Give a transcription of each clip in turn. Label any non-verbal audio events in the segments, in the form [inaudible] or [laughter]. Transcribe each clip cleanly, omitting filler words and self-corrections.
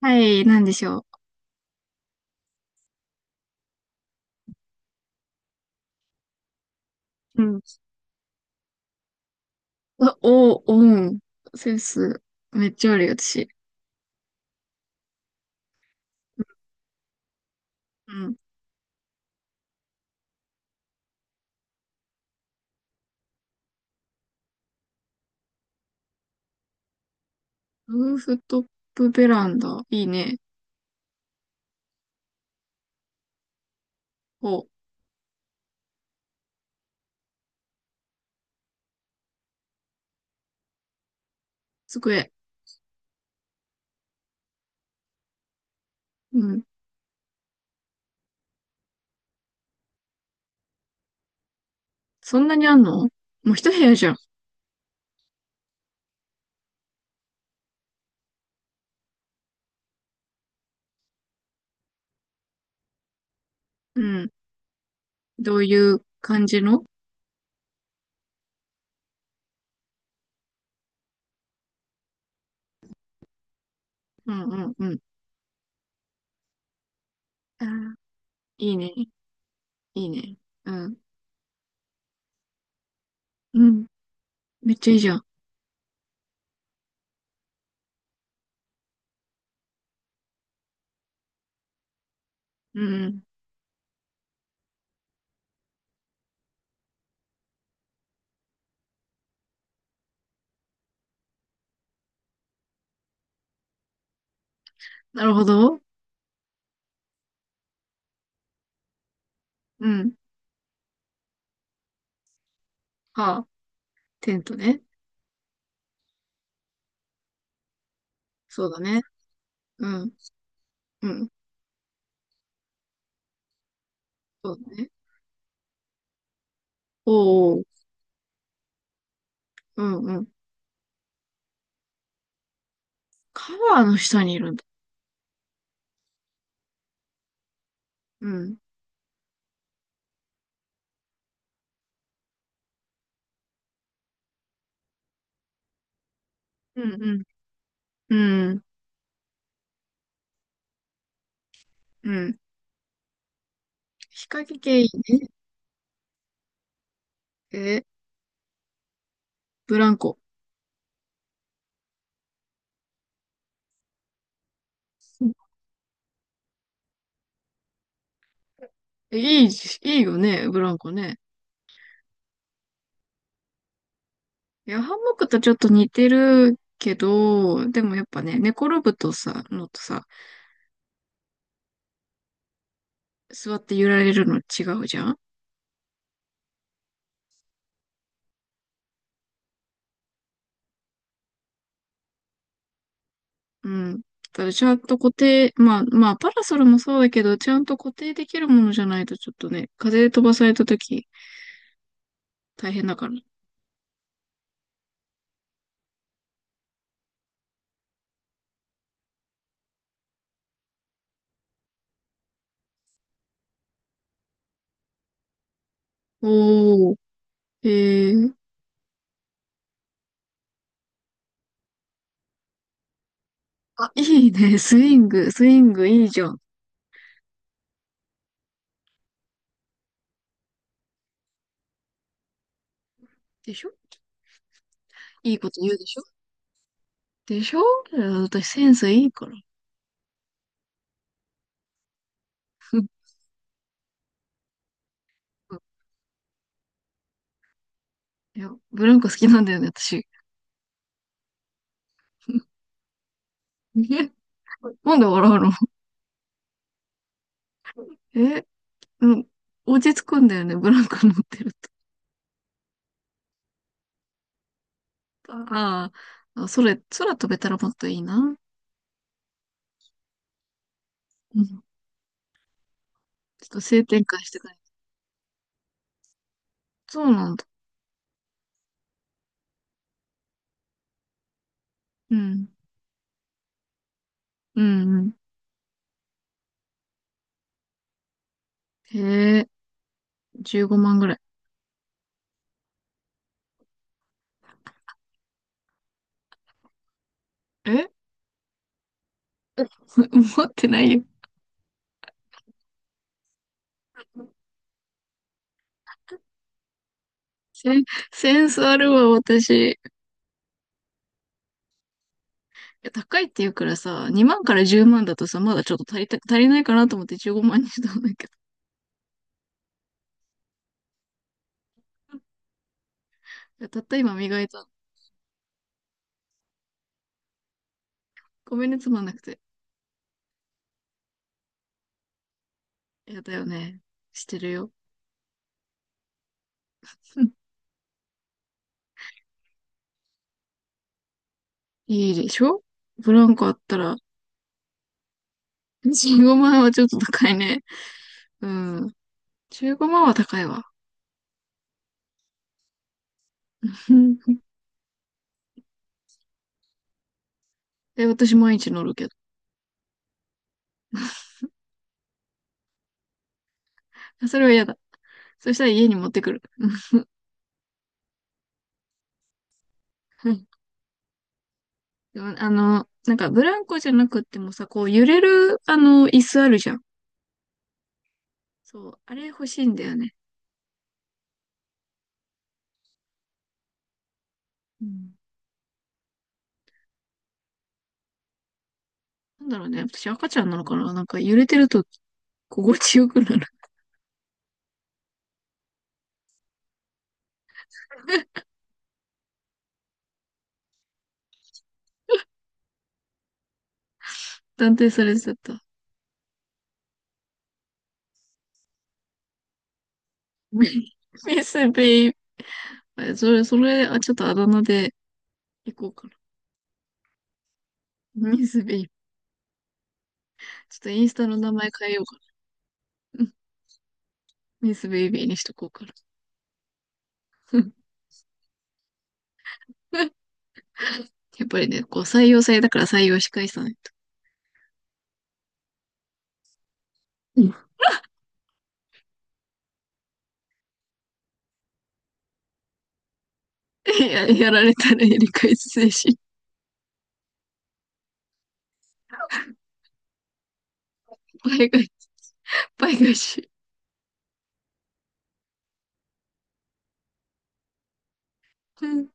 はい、なんでしょう。うん。あお、オン、センス、めっちゃあるよ、私。うん。ルーフトップベランダ、いいね。お、机。うん。そんなにあんのもう一部屋じゃん。うん。どういう感じの？うんうんうん。あー、いいね。いいね。うん。うん。めっちゃいいじゃん。うんうん。なるほど。うん。はあ、テントね。そうだね。うん。うん。そうだね。おーおー。うんうん。カバーの下にいるんだ。うん。うん、うん、うん、うん。日陰系いいね。え、ブランコ。えいい、いいよね、ブランコね。いや、ハンモックとちょっと似てるけど、でもやっぱね、寝転ぶとさ、のとさ、座って揺られるの違うじゃん。うん。だからちゃんと固定、まあ、まあ、パラソルもそうだけど、ちゃんと固定できるものじゃないとちょっとね、風で飛ばされた時大変だから。おー、えー、あ、いいね、スイング、スイングいいじゃん。でしょ？いいこと言うでしょ？でしょ？いや、私センスいいから。ふっふ、いや、ブランコ好きなんだよね、私。[laughs] ふっ、え、なんで笑うの？え、うん、落ち着くんだよね、ブランコ乗ってると。ああ、あ、それ、空飛べたらもっといいな。うん。ちょっと性転換してくれ。そうなんだ。うん。うんうん。へえ、15万ぐらい。え [laughs] 持ってないよ。セン、センスあるわ、私。や、高いって言うからさ、2万から10万だとさ、まだちょっと足りないかなと思って15万にしたんだけど。いや、たった今磨いた。ごめんね、つまんなくて。いやだよね。してるよ。うん。いいでしょ？ブランコあったら、15万はちょっと高いね。うん。15万は高いわ。[laughs] え、私毎日乗るけど。それは嫌だ。そしたら家に持ってくる。うん。でも、あの、なんかブランコじゃなくってもさ、こう揺れる、あの、椅子あるじゃん。そう、あれ欲しいんだよね。うん。なんだろうね。私赤ちゃんなのかな？なんか揺れてると心地よくなる。[laughs] 断定されちゃった。ミミスベイブ。それ、それ、あ、ちょっとあだ名で行こうかな。ミスベイブ。ちょっとインスタの名前変えようかな。うん。ミスベイビーにしとこうかな。[laughs] やっぱりね、こう採用されたから採用し返さないと。うん。いや、[laughs] やられたらやり返す精神。倍返し、倍返し。うん。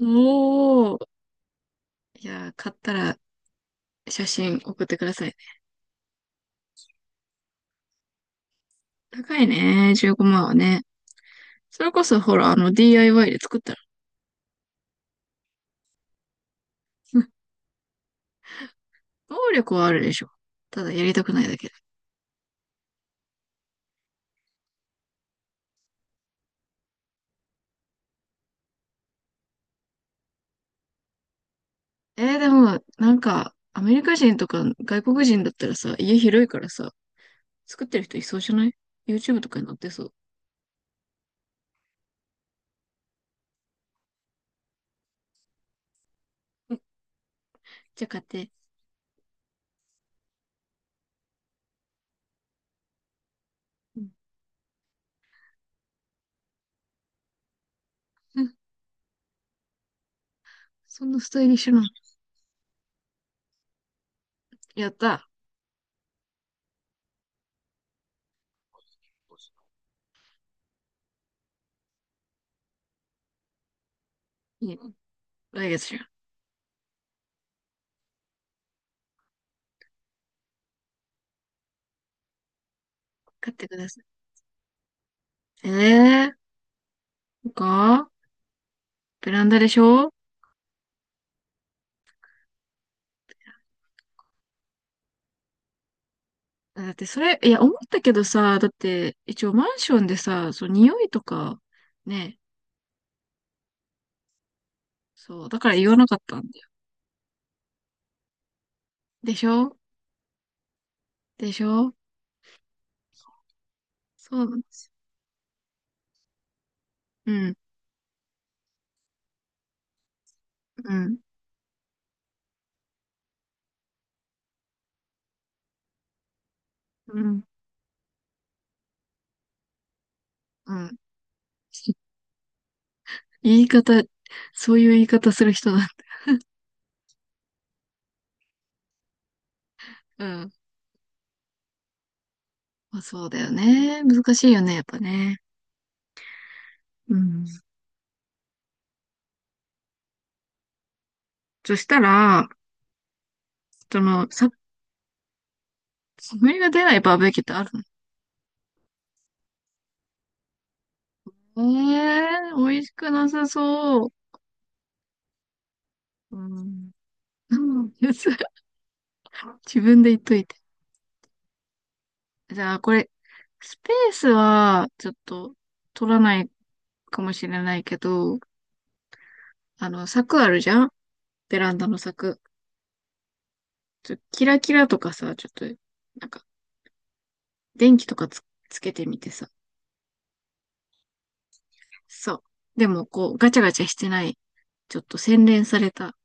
おー。いや、買ったら写真送ってくださいね。高いね、15万はね。それこそ、ほら、あの、DIY で作ったら。[laughs] 能力はあるでしょ。ただ、やりたくないだけで。でも、なんか、アメリカ人とか外国人だったらさ、家広いからさ、作ってる人いそうじゃない ?YouTube とかに載ってそう。じゃあ、買って。うんうん。そんなスタイリッシュなの。やった。いいね。来月じゃん。買ってください。ええー、そっか。ベランダでしょ？だってそれ、いや、思ったけどさ、だって、一応マンションでさ、そう、匂いとか、ね、そう、だから言わなかったんだ。でしょ？でしょ？そうなんですよ。うん、うん、うん、うん。言い方、そういう言い方する人だ。うん。まあ、そうだよね。難しいよね、やっぱね。うん。そしたら、その、さ、煙が出ないバーベキューってあるの？ええー、美味しくなさそう。うん。うんやつ、 [laughs] 自分で言っといて。じゃあ、これ、スペースは、ちょっと、取らないかもしれないけど、あの、柵あるじゃん、ベランダの柵。ちょっとキラキラとかさ、ちょっと、なんか、電気とかつけてみてさ。そう。でも、こう、ガチャガチャしてない。ちょっと洗練された。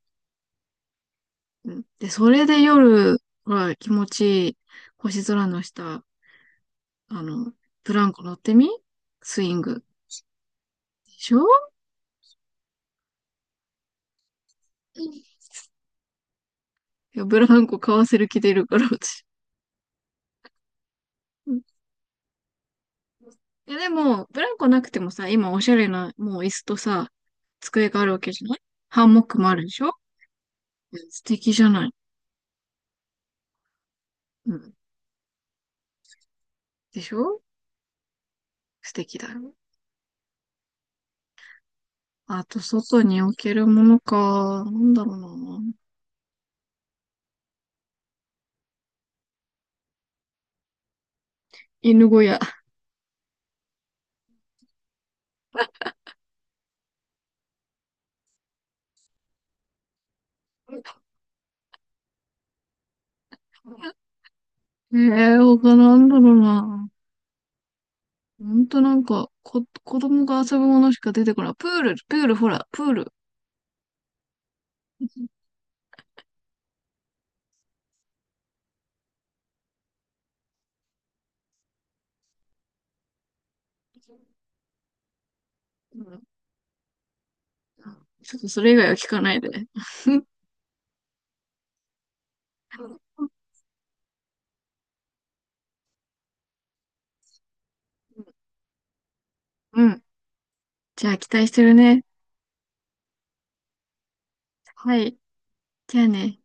うん。で、それで夜は気持ちいい星空の下、あの、ブランコ乗ってみ、スイング。でしょ？いや、ブランコ買わせる気出るから、私。うん。いや、でも、ブランコなくてもさ、今おしゃれな、もう椅子とさ、机があるわけじゃない？ハンモックもあるでしょ？うん、素敵じゃない。うん。でしょ？素敵だよ。あと、外に置けるものか、なんだろうな。犬小屋。[laughs] ええー、他なんだろうな。ほんとなんか、子供が遊ぶものしか出てこない。プール、プール、ほら、プール。うん。ちょっとそれ以外は聞かないで。うん。じゃあ、期待してるね。はい。じゃあね。